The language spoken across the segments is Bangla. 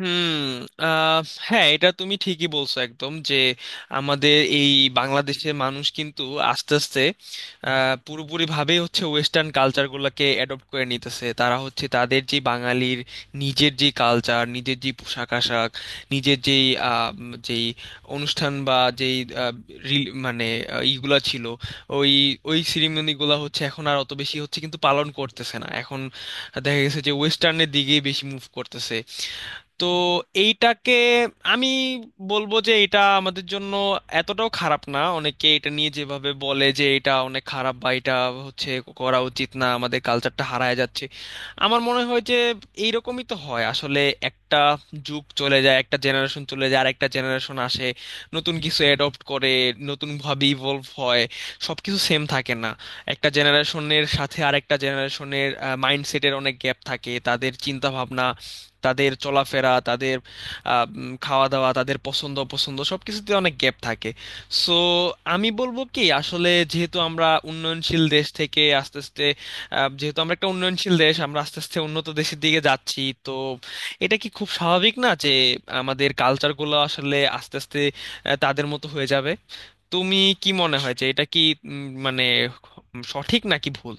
হুম। আহ, হ্যাঁ, এটা তুমি ঠিকই বলছো একদম যে আমাদের এই বাংলাদেশের মানুষ কিন্তু আস্তে আস্তে পুরোপুরি ভাবেই হচ্ছে ওয়েস্টার্ন কালচারগুলোকে অ্যাডপ্ট করে নিতেছে। তারা হচ্ছে তাদের যে বাঙালির নিজের যে কালচার, নিজের যে পোশাক আশাক, নিজের যেই অনুষ্ঠান বা আহ, মানে ইগুলা ছিল, ওই ওই সেরিমনিগুলো হচ্ছে এখন আর অত বেশি হচ্ছে কিন্তু পালন করতেছে না এখন। দেখা গেছে যে ওয়েস্টার্নের দিকেই বেশি মুভ করতেছে। তো এইটাকে আমি বলবো যে এটা আমাদের জন্য এতটাও খারাপ না। অনেকে এটা নিয়ে যেভাবে বলে যে এটা অনেক খারাপ বা এটা হচ্ছে করা উচিত না, আমাদের কালচারটা হারায় যাচ্ছে। আমার মনে হয় যে এইরকমই তো হয় আসলে। একটা যুগ চলে যায়, একটা জেনারেশন চলে যায়, আর একটা জেনারেশন আসে, নতুন কিছু অ্যাডপ্ট করে, নতুনভাবে ইভলভ হয়। সব কিছু সেম থাকে না। একটা জেনারেশনের সাথে আরেকটা জেনারেশনের মাইন্ডসেটের অনেক গ্যাপ থাকে। তাদের চিন্তা ভাবনা, তাদের চলাফেরা, তাদের খাওয়া দাওয়া, তাদের পছন্দ অপছন্দ সব কিছুতে অনেক গ্যাপ থাকে। সো আমি বলবো কি আসলে, যেহেতু আমরা উন্নয়নশীল দেশ থেকে আস্তে আস্তে যেহেতু আমরা একটা উন্নয়নশীল দেশ, আমরা আস্তে আস্তে উন্নত দেশের দিকে যাচ্ছি। তো এটা কি খুব স্বাভাবিক না যে আমাদের কালচারগুলো আসলে আস্তে আস্তে তাদের মতো হয়ে যাবে? তুমি কি মনে হয় যে এটা কি মানে সঠিক নাকি ভুল?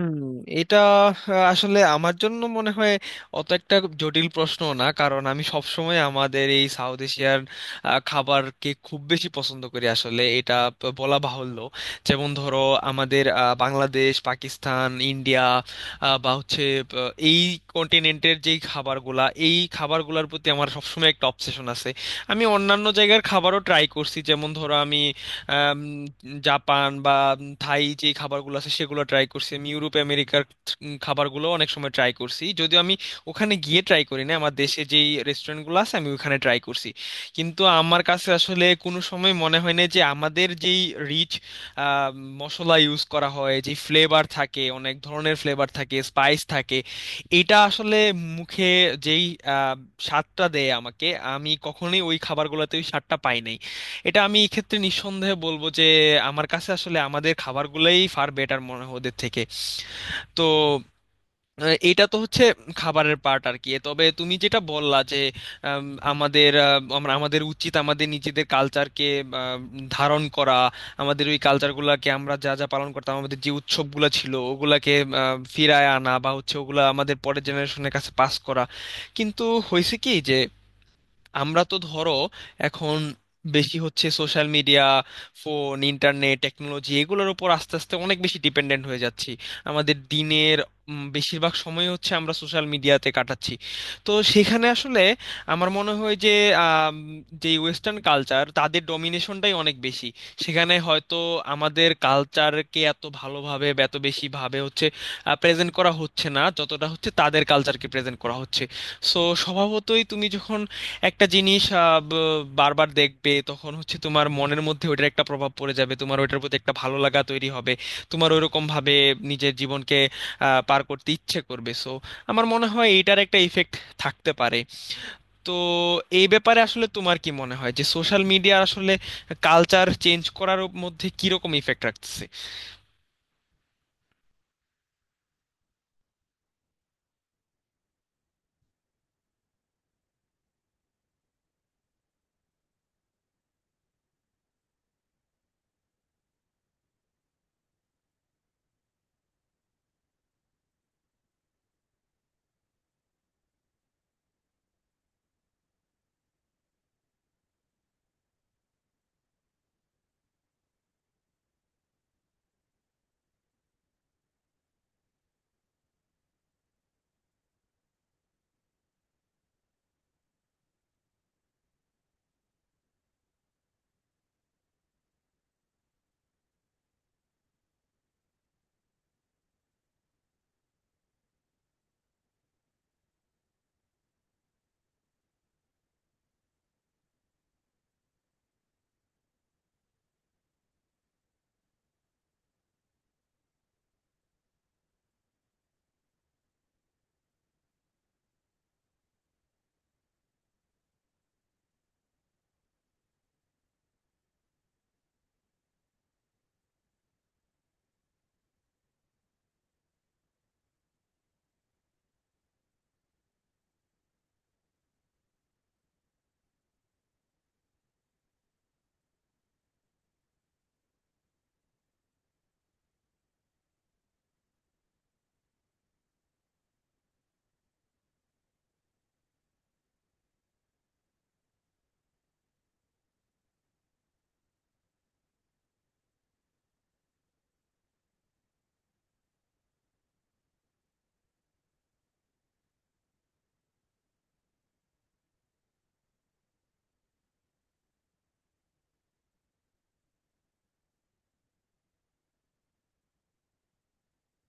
হুম। এটা আহ, আসলে আমার জন্য মনে হয় অত একটা জটিল প্রশ্ন না, কারণ আমি সব সময় আমাদের এই সাউথ এশিয়ার খাবারকে খুব বেশি পছন্দ করি আসলে। এটা বলা বাহুল্য। যেমন ধরো আমাদের বাংলাদেশ, পাকিস্তান, ইন্ডিয়া, বা হচ্ছে এই কন্টিনেন্টের যেই খাবারগুলা, এই খাবারগুলোর প্রতি আমার সবসময় একটা অবসেশন আছে। আমি অন্যান্য জায়গার খাবারও ট্রাই করছি, যেমন ধরো আমি আম, জাপান বা থাই যে খাবারগুলো আছে সেগুলো ট্রাই করছি। আমি ইউরোপ আমেরিকার খাবারগুলো অনেক সময় ট্রাই করছি, যদিও আমি ওখানে গিয়ে ট্রাই করি না, আমার দেশে যেই রেস্টুরেন্টগুলো আছে আমি ওখানে ট্রাই করছি। কিন্তু আমার কাছে আসলে কোনো সময় মনে হয় না যে আমাদের যেই রিচ মশলা ইউজ করা হয়, যে ফ্লেভার থাকে, অনেক ধরনের ফ্লেভার থাকে, স্পাইস থাকে, এটা আসলে মুখে যেই আহ, স্বাদটা দেয় আমাকে, আমি কখনোই ওই খাবারগুলোতে ওই স্বাদটা পাই নাই। এটা আমি এই ক্ষেত্রে নিঃসন্দেহে বলবো যে আমার কাছে আসলে আমাদের খাবারগুলোই ফার বেটার মনে হয় ওদের থেকে। তো এটা তো হচ্ছে খাবারের পার্ট আর কি। তবে তুমি যেটা বললা যে আম, আমাদের আমরা আমাদের উচিত আমাদের নিজেদের কালচারকে ধারণ করা, আমাদের ওই কালচারগুলোকে আমরা যা যা পালন করতাম, আমাদের যে উৎসবগুলো ছিল ওগুলাকে ফিরায় আনা বা হচ্ছে ওগুলা আমাদের পরের জেনারেশনের কাছে পাস করা। কিন্তু হয়েছে কি যে আমরা তো ধরো এখন বেশি হচ্ছে social media, phone, internet, technology এগুলোর উপর আস্তে আস্তে অনেক বেশি ডিপেন্ডেন্ট হয়ে যাচ্ছি। আমাদের দিনের বেশিরভাগ সময় হচ্ছে আমরা সোশ্যাল মিডিয়াতে কাটাচ্ছি। তো সেখানে আসলে আমার মনে হয় যে আম, যে ওয়েস্টার্ন কালচার, তাদের ডমিনেশনটাই অনেক বেশি। সেখানে হয়তো আমাদের কালচারকে এত ভালোভাবে বা এত বেশি ভাবে হচ্ছে প্রেজেন্ট করা হচ্ছে না, যতটা হচ্ছে তাদের কালচারকে প্রেজেন্ট করা হচ্ছে। সো স্বভাবতই, তুমি যখন একটা জিনিস বারবার দেখবে তখন হচ্ছে তোমার মনের মধ্যে ওইটার একটা প্রভাব পড়ে যাবে, তোমার ওইটার প্রতি একটা ভালো লাগা তৈরি হবে, তোমার ওইরকম ভাবে নিজের জীবনকে পার করতে ইচ্ছে করবে। সো আমার মনে হয় এইটার একটা ইফেক্ট থাকতে পারে। তো এই ব্যাপারে আসলে তোমার কি মনে হয় যে সোশ্যাল মিডিয়া আসলে কালচার চেঞ্জ করার মধ্যে কিরকম ইফেক্ট রাখছে?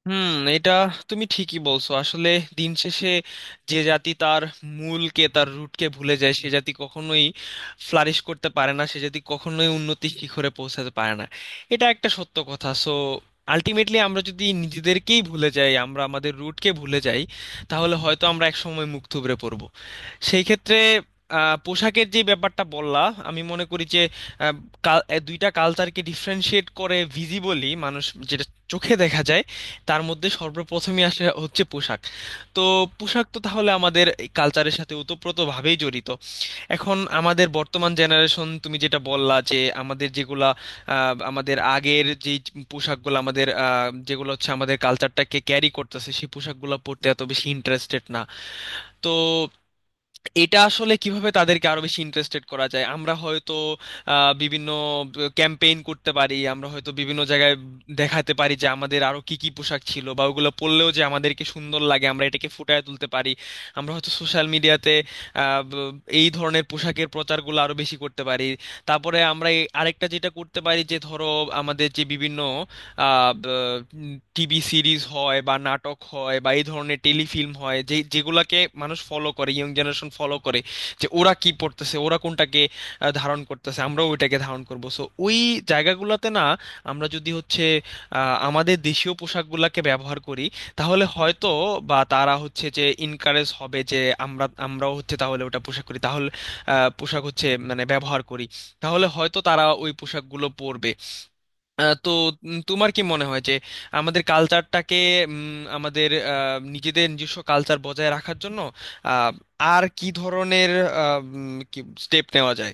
হুম। এটা তুমি ঠিকই বলছো আসলে। দিন শেষে যে জাতি তার মূলকে, তার রুটকে ভুলে যায়, সে জাতি কখনোই ফ্লারিশ করতে পারে না, সে জাতি কখনোই উন্নতি শিখরে পৌঁছাতে পারে না। এটা একটা সত্য কথা। সো আলটিমেটলি আমরা যদি নিজেদেরকেই ভুলে যাই, আমরা আমাদের রুটকে ভুলে যাই, তাহলে হয়তো আমরা একসময় মুখ থুবড়ে পড়বো। সেই ক্ষেত্রে পোশাকের যে ব্যাপারটা বললা, আমি মনে করি যে আহ, এ দুইটা কালচারকে ডিফারেনশিয়েট করে ভিজিবলি মানুষ, যেটা চোখে দেখা যায়, তার মধ্যে সর্বপ্রথমে আসে হচ্ছে পোশাক। তো পোশাক তো তাহলে আমাদের কালচারের সাথে ওতপ্রোতভাবেই জড়িত। এখন আমাদের বর্তমান জেনারেশন, তুমি যেটা বললা যে আমাদের যেগুলা আমাদের আগের যে পোশাকগুলো, আমাদের যেগুলো হচ্ছে আমাদের কালচারটাকে ক্যারি করতেছে, সেই পোশাকগুলো পরতে এত বেশি ইন্টারেস্টেড না। তো এটা আসলে কিভাবে তাদেরকে আরো বেশি ইন্টারেস্টেড করা যায়, আমরা হয়তো বিভিন্ন ক্যাম্পেইন করতে পারি, আমরা হয়তো বিভিন্ন জায়গায় দেখাতে পারি যে আমাদের আরো কি কি পোশাক ছিল বা ওগুলো পরলেও যে আমাদেরকে সুন্দর লাগে, আমরা এটাকে ফুটিয়ে তুলতে পারি। আমরা হয়তো সোশ্যাল মিডিয়াতে এই ধরনের পোশাকের প্রচারগুলো আরো বেশি করতে পারি। তারপরে আমরা আরেকটা যেটা করতে পারি, যে ধরো আমাদের যে বিভিন্ন টিভি সিরিজ হয় বা নাটক হয় বা এই ধরনের টেলিফিল্ম হয়, যেগুলাকে মানুষ ফলো করে, ইয়ং জেনারেশন ফলো করে, যে ওরা কি পড়তেছে, ওরা কোনটাকে ধারণ করতেছে, আমরাও ওইটাকে ধারণ করব। সো ওই জায়গাগুলোতে না আমরা যদি হচ্ছে আমাদের দেশীয় পোশাকগুলোকে ব্যবহার করি, তাহলে হয়তো বা তারা হচ্ছে যে ইনকারেজ হবে যে আমরাও হচ্ছে তাহলে ওটা পোশাক করি, তাহলে পোশাক হচ্ছে মানে ব্যবহার করি, তাহলে হয়তো তারা ওই পোশাকগুলো পরবে। তো তোমার কি মনে হয় যে আমাদের কালচারটাকে, আমাদের নিজেদের নিজস্ব কালচার বজায় রাখার জন্য আহ, আর কি ধরনের কি স্টেপ নেওয়া যায়?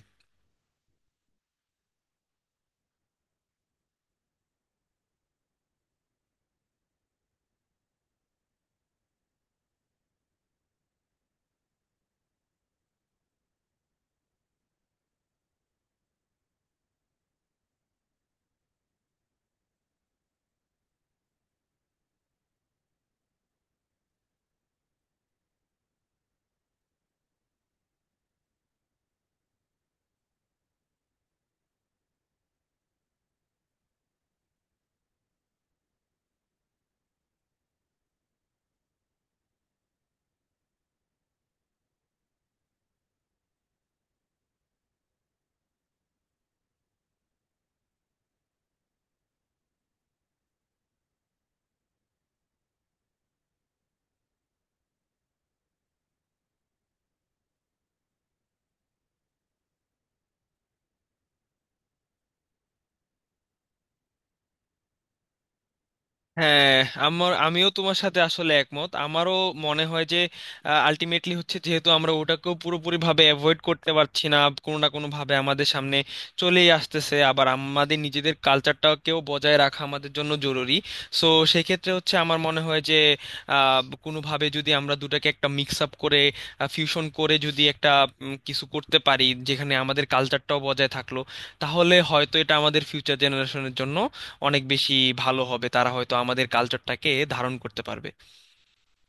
হ্যাঁ, আমিও তোমার সাথে আসলে একমত। আমারও মনে হয় যে আলটিমেটলি হচ্ছে, যেহেতু আমরা ওটাকেও পুরোপুরি ভাবে অ্যাভয়েড করতে পারছি না, কোনো না কোনো ভাবে আমাদের সামনে চলেই আসতেছে, আবার আমাদের নিজেদের কালচারটাকেও বজায় রাখা আমাদের জন্য জরুরি। সো সেক্ষেত্রে হচ্ছে আমার মনে হয় যে আহ, কোনোভাবে যদি আমরা দুটাকে একটা মিক্স আপ করে, ফিউশন করে, যদি একটা কিছু করতে পারি যেখানে আমাদের কালচারটাও বজায় থাকলো, তাহলে হয়তো এটা আমাদের ফিউচার জেনারেশনের জন্য অনেক বেশি ভালো হবে, তারা হয়তো আমাদের কালচারটাকে ধারণ করতে পারবে।